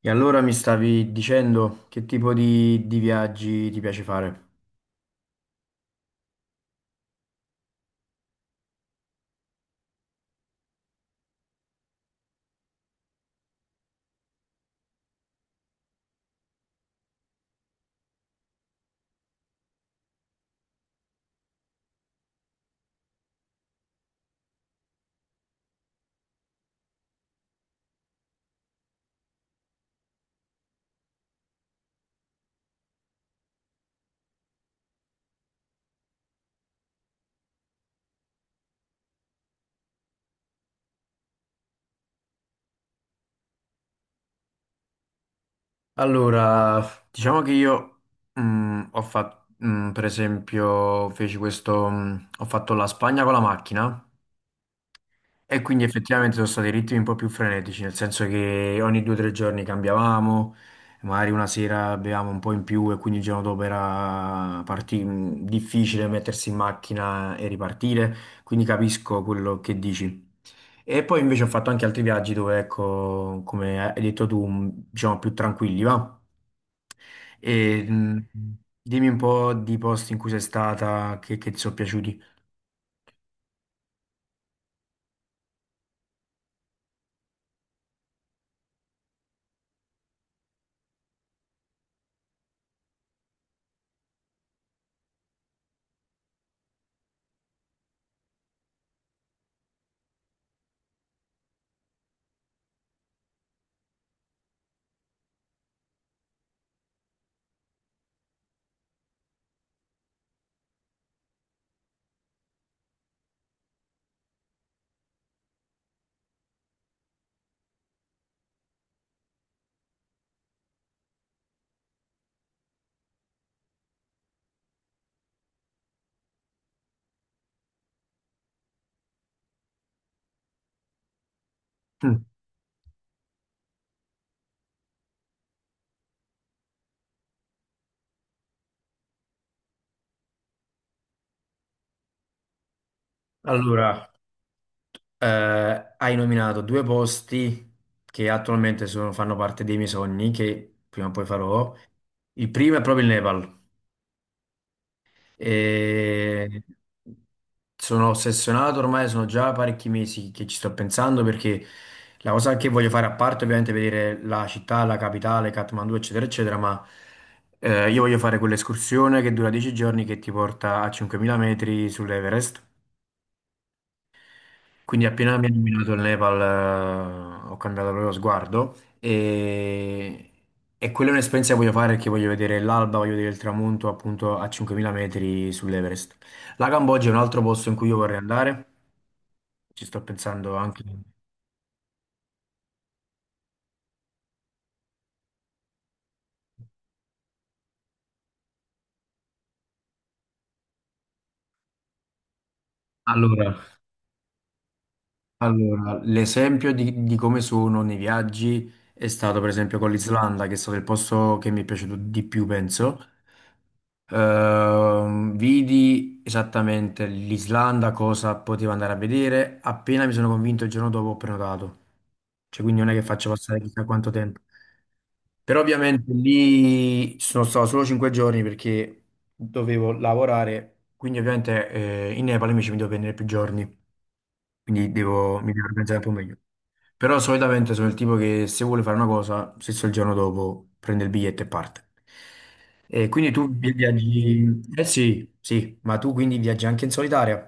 E allora mi stavi dicendo che tipo di viaggi ti piace fare? Allora, diciamo che io ho fatto, per esempio, feci questo, ho fatto la Spagna con la macchina. E quindi effettivamente sono stati ritmi un po' più frenetici, nel senso che ogni 2 o 3 giorni cambiavamo, magari una sera bevevamo un po' in più e quindi il giorno dopo era difficile mettersi in macchina e ripartire, quindi capisco quello che dici. E poi invece ho fatto anche altri viaggi dove, ecco, come hai detto tu, diciamo più tranquilli, va? E dimmi un po' di posti in cui sei stata che ti sono piaciuti. Mm. Allora, hai nominato due posti che attualmente fanno parte dei miei sogni, che prima o poi farò. Il primo è proprio il Nepal. E sono ossessionato ormai, sono già parecchi mesi che ci sto pensando perché la cosa che voglio fare, a parte ovviamente vedere la città, la capitale, Kathmandu, eccetera, eccetera, ma io voglio fare quell'escursione che dura 10 giorni che ti porta a 5.000 metri sull'Everest. Quindi appena mi ha nominato il Nepal, ho cambiato proprio sguardo e, quella è un'esperienza che voglio fare perché voglio vedere l'alba, voglio vedere il tramonto appunto a 5.000 metri sull'Everest. La Cambogia è un altro posto in cui io vorrei andare, ci sto pensando anche. Allora, l'esempio di come sono nei viaggi è stato per esempio con l'Islanda, che è stato il posto che mi è piaciuto di più, penso. Vidi esattamente l'Islanda, cosa potevo andare a vedere, appena mi sono convinto il giorno dopo ho prenotato. Cioè, quindi non è che faccio passare chissà quanto tempo. Però ovviamente lì sono stato solo 5 giorni perché dovevo lavorare, quindi ovviamente in Nepal invece mi devo prendere più giorni, quindi mi devo organizzare un po' meglio. Però solitamente sono il tipo che se vuole fare una cosa, stesso il giorno dopo prende il biglietto e parte. E quindi tu viaggi. Eh sì, sì, ma tu quindi viaggi anche in solitaria?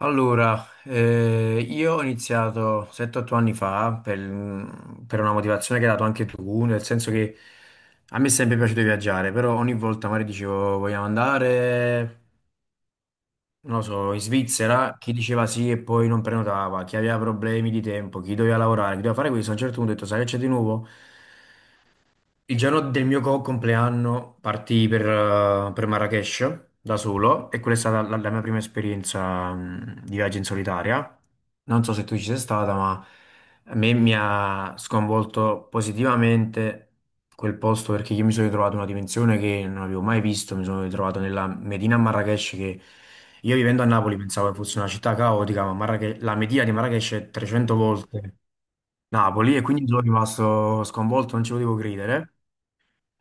Allora, io ho iniziato 7-8 anni fa per una motivazione che hai dato anche tu, nel senso che a me è sempre piaciuto viaggiare, però ogni volta magari dicevo vogliamo andare. Non lo so, in Svizzera chi diceva sì e poi non prenotava, chi aveva problemi di tempo, chi doveva lavorare, chi doveva fare questo, a un certo punto ho detto, sai che c'è di nuovo? Il giorno del mio compleanno partii per, Marrakech da solo e quella è stata la mia prima esperienza di viaggio in solitaria. Non so se tu ci sei stata, ma a me mi ha sconvolto positivamente quel posto perché io mi sono ritrovato in una dimensione che non avevo mai visto. Mi sono ritrovato nella Medina Marrakech che io vivendo a Napoli pensavo che fosse una città caotica, ma la Medina di Marrakech è 300 volte Napoli e quindi sono rimasto sconvolto, non ci potevo credere.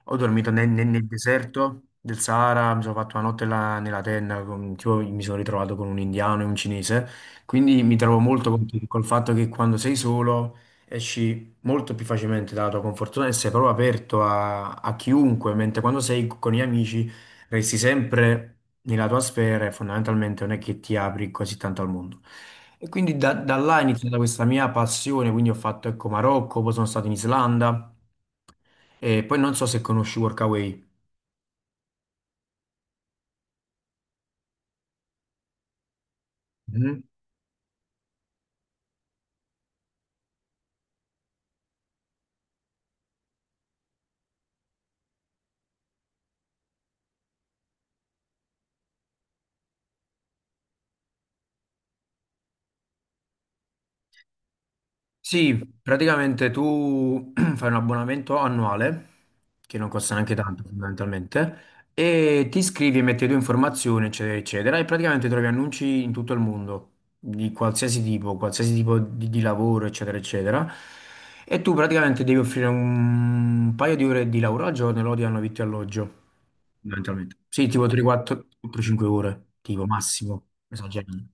Ho dormito nel deserto del Sahara, mi sono fatto una notte là nella tenda, tipo, mi sono ritrovato con un indiano e un cinese, quindi mi trovo molto col fatto che quando sei solo esci molto più facilmente dalla tua comfort zone e sei proprio aperto a chiunque, mentre quando sei con gli amici resti sempre nella tua sfera e fondamentalmente non è che ti apri così tanto al mondo. E quindi da là è iniziata questa mia passione, quindi ho fatto ecco Marocco, poi sono stato in Islanda. E poi non so se conosci Workaway. Mhm. Sì, praticamente tu fai un abbonamento annuale, che non costa neanche tanto fondamentalmente, e ti iscrivi e metti le tue informazioni, eccetera, eccetera, e praticamente trovi annunci in tutto il mondo, di qualsiasi tipo di lavoro, eccetera, eccetera. E tu praticamente devi offrire un paio di ore di lavoro al giorno e loro ti danno vitto e alloggio, fondamentalmente. Sì, tipo 3-4-5 ore, tipo massimo, esagerando.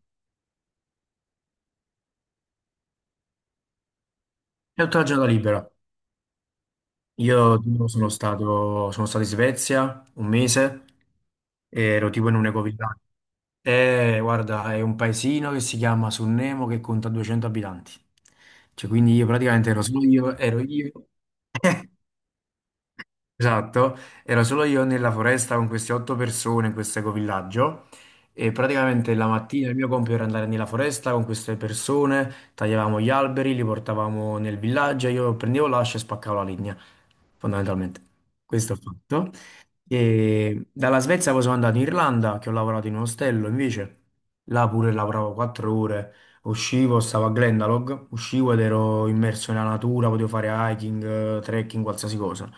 E tutta la giornata libera. Io tipo, sono stato in Svezia un mese, ero tipo in un ecovillaggia. E guarda, è un paesino che si chiama Sunnemo che conta 200 abitanti. Cioè, quindi io praticamente ero solo io, ero io. Esatto, ero solo io nella foresta con queste 8 persone in questo ecovillaggio e praticamente la mattina il mio compito era andare nella foresta con queste persone, tagliavamo gli alberi, li portavamo nel villaggio, io prendevo l'ascia e spaccavo la legna, fondamentalmente. Questo ho fatto. E dalla Svezia poi sono andato in Irlanda, che ho lavorato in un ostello, invece là pure lavoravo 4 ore. Uscivo, stavo a Glendalough, uscivo ed ero immerso nella natura, potevo fare hiking, trekking, qualsiasi cosa.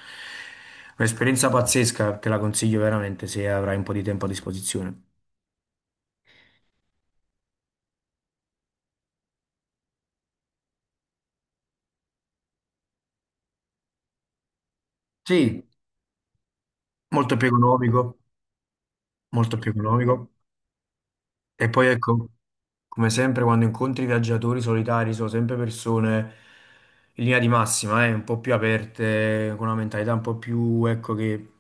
Un'esperienza pazzesca che la consiglio veramente se avrai un po' di tempo a disposizione. Sì, molto più economico, molto più economico. E poi ecco. Come sempre, quando incontri viaggiatori solitari, sono sempre persone in linea di massima, un po' più aperte, con una mentalità un po' più, ecco, che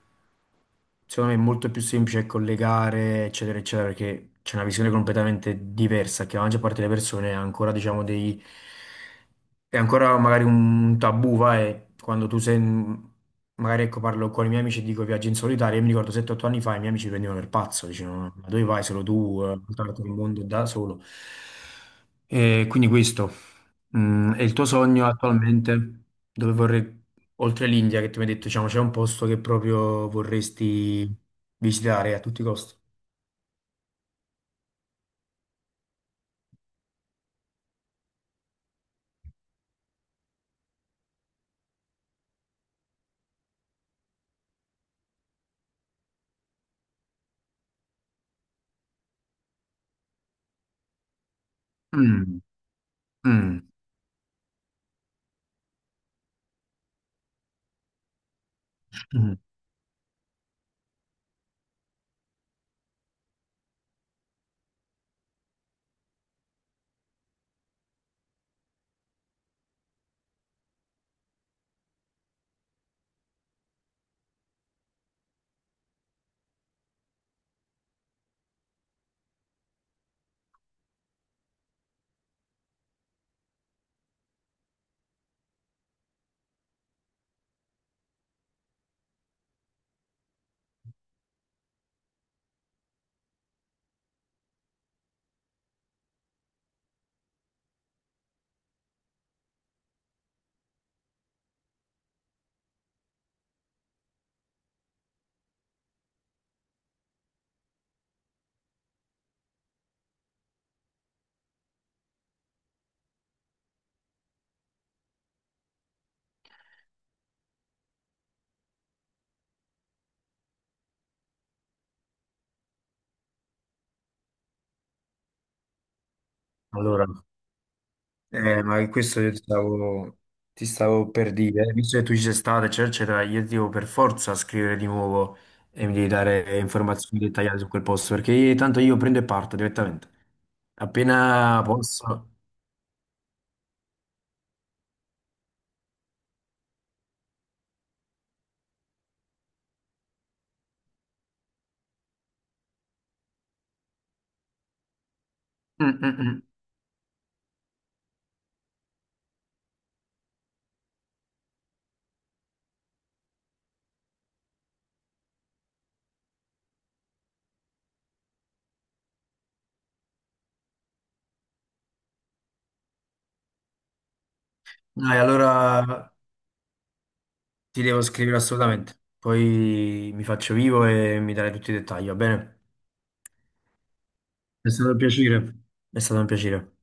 secondo me è molto più semplice collegare, eccetera, eccetera, perché c'è una visione completamente diversa, che la maggior parte delle persone ha ancora, diciamo, dei, è ancora magari un tabù, vai, quando tu sei. Magari ecco, parlo con i miei amici e dico viaggio in solitaria. Io mi ricordo 7-8 anni fa i miei amici mi prendevano per pazzo, dicevano ma dove vai solo tu, portarti il mondo da solo. E quindi questo, è il tuo sogno attualmente, dove vorrei, oltre l'India che tu mi hai detto, diciamo, c'è un posto che proprio vorresti visitare a tutti i costi. Mm, mm, mm. Allora, ma questo io ti stavo per dire, visto che tu ci sei stato, eccetera, eccetera, io ti devo per forza scrivere di nuovo e mi devi dare informazioni dettagliate su quel posto, perché tanto io prendo e parto direttamente. Appena posso. Mm, mm, mm. Dai, allora ti devo scrivere assolutamente. Poi mi faccio vivo e mi darai tutti i dettagli, va bene? È stato un piacere. È stato un piacere.